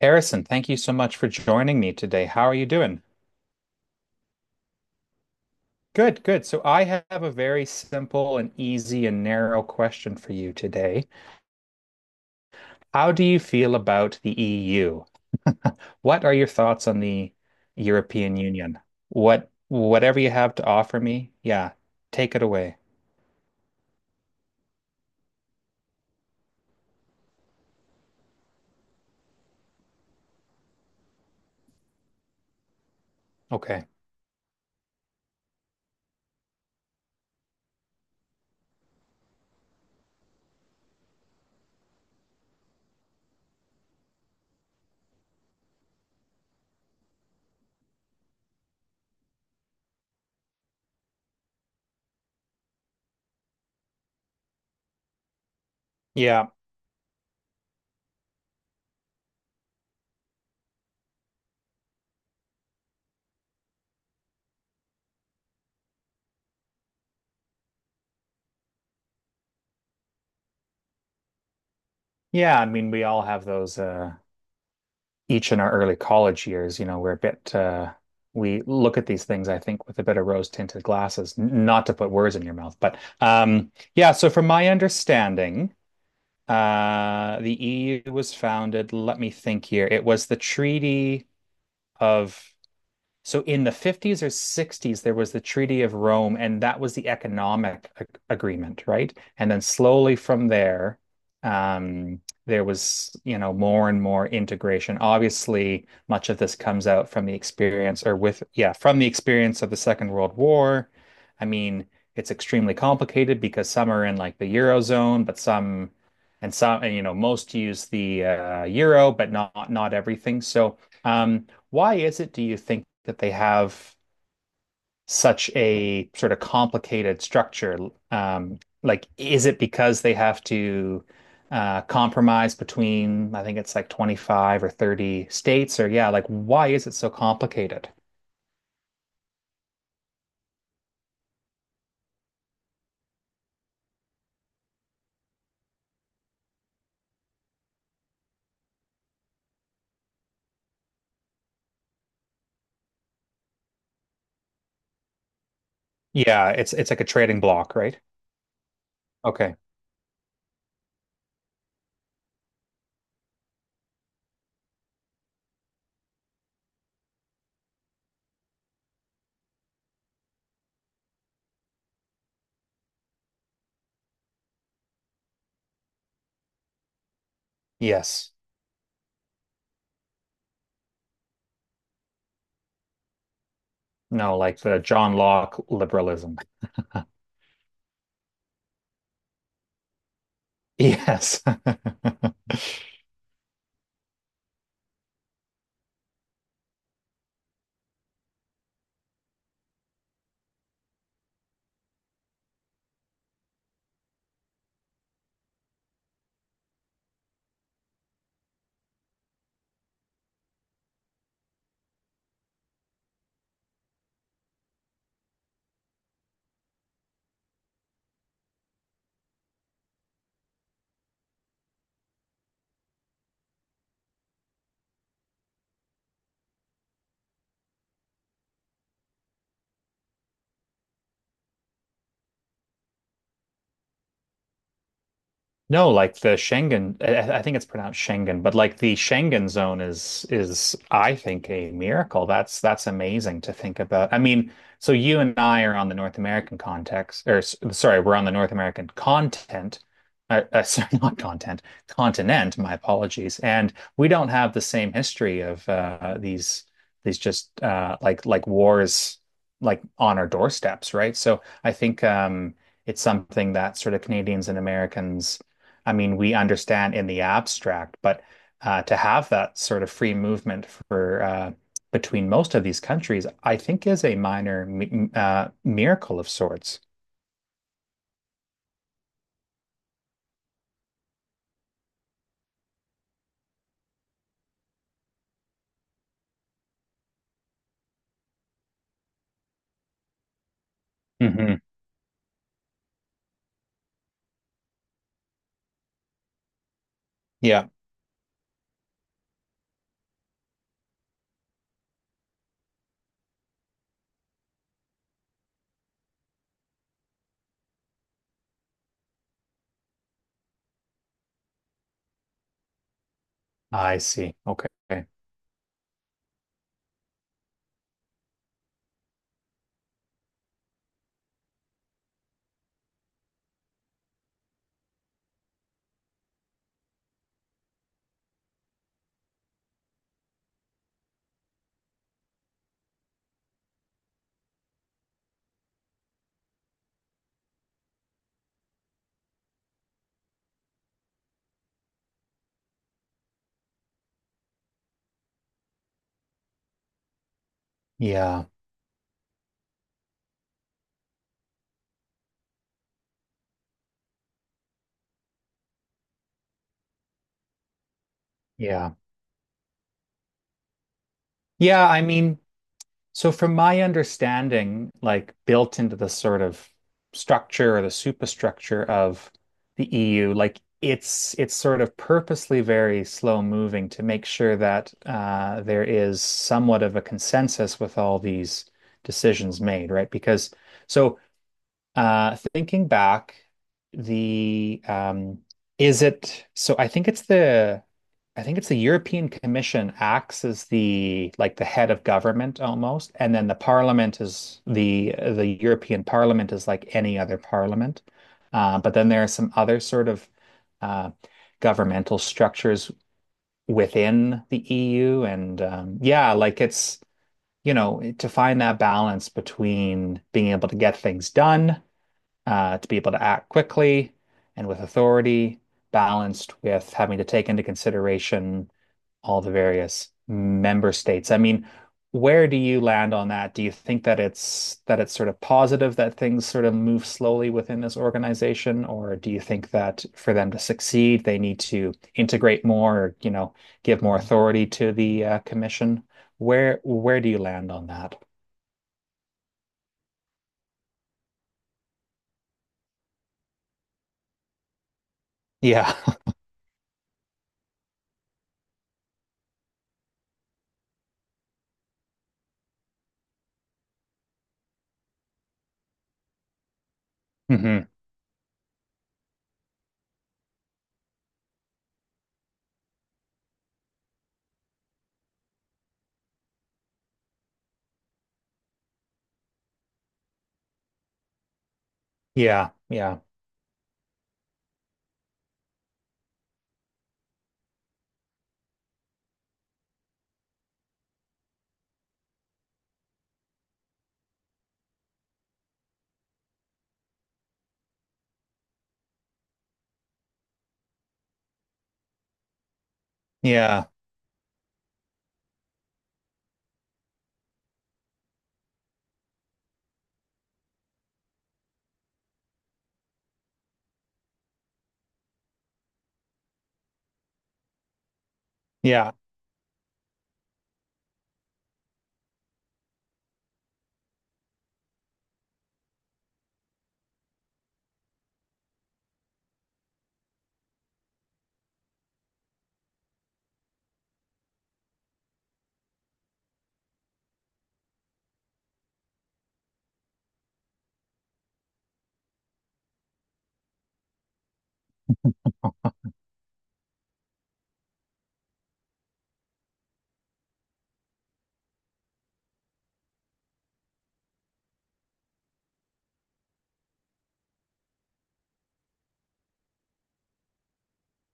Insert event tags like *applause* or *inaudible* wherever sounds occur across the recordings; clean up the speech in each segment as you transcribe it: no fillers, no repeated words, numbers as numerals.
Harrison, thank you so much for joining me today. How are you doing? Good, good. So I have a very simple and easy and narrow question for you today. How do you feel about the EU? What are your thoughts on the European Union? Whatever you have to offer me, yeah, take it away. Okay. Yeah. Yeah, I mean we all have those each in our early college years, you know, we're a bit we look at these things, I think, with a bit of rose-tinted glasses. Not to put words in your mouth, but yeah. So from my understanding, the EU was founded. Let me think here. It was the Treaty of. In the 50s or 60s, there was the Treaty of Rome, and that was the economic agreement, right? And then slowly from there, um, there was, you know, more and more integration. Obviously, much of this comes out from the experience or with, yeah, from the experience of the Second World War. I mean, it's extremely complicated because some are in like the Eurozone, but some, and, you know, most use the euro, but not everything. So, um, why is it, do you think, that they have such a sort of complicated structure? Like, is it because they have to compromise between, I think it's like 25 or 30 states, or yeah, like, why is it so complicated? Yeah, it's like a trading block, right? Okay. Yes. No, like the John Locke liberalism. *laughs* Yes. *laughs* No, like the Schengen, I think it's pronounced Schengen, but like the Schengen zone is I think a miracle. That's amazing to think about. I mean, so you and I are on the North American context, or sorry, we're on the North American content, *laughs* sorry, not content, continent. My apologies, and we don't have the same history of these just like wars like on our doorsteps, right? So I think it's something that sort of Canadians and Americans I mean, we understand in the abstract, but to have that sort of free movement for between most of these countries, I think is a minor mi miracle of sorts. Hmm. Yeah. I see. Okay. Yeah. Yeah. Yeah. I mean, so from my understanding, like built into the sort of structure or the superstructure of the EU, like it's sort of purposely very slow moving to make sure that there is somewhat of a consensus with all these decisions made, right? Because so thinking back, the is it so? I think it's the European Commission acts as the like the head of government almost, and then the Parliament is the European Parliament is like any other parliament. But then there are some other sort of uh, governmental structures within the EU, and yeah, like it's you know to find that balance between being able to get things done, to be able to act quickly and with authority, balanced with having to take into consideration all the various member states. I mean, where do you land on that? Do you think that it's sort of positive that things sort of move slowly within this organization, or do you think that for them to succeed, they need to integrate more, or, you know, give more authority to the commission? Where do you land on that? Yeah. *laughs* Hmm. Yeah. Yeah. Yeah. Yeah.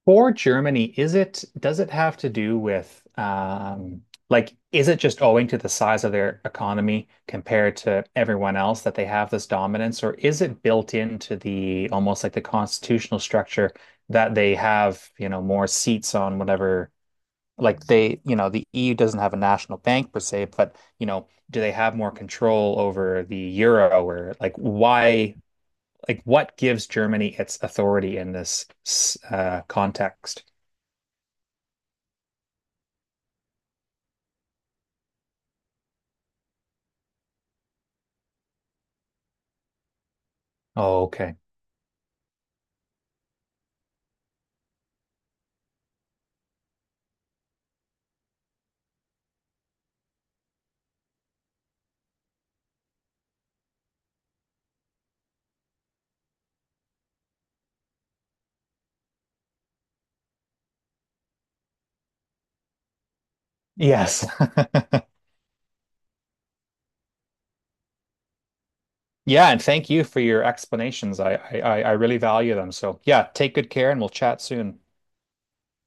For Germany, is it does it have to do with like is it just owing to the size of their economy compared to everyone else that they have this dominance, or is it built into the almost like the constitutional structure that they have, you know, more seats on whatever like they, you know, the EU doesn't have a national bank per se, but you know, do they have more control over the euro or like why like what gives Germany its authority in this context? Oh, okay. Yes. *laughs* Yeah, and thank you for your explanations. I really value them. So yeah, take good care and we'll chat soon.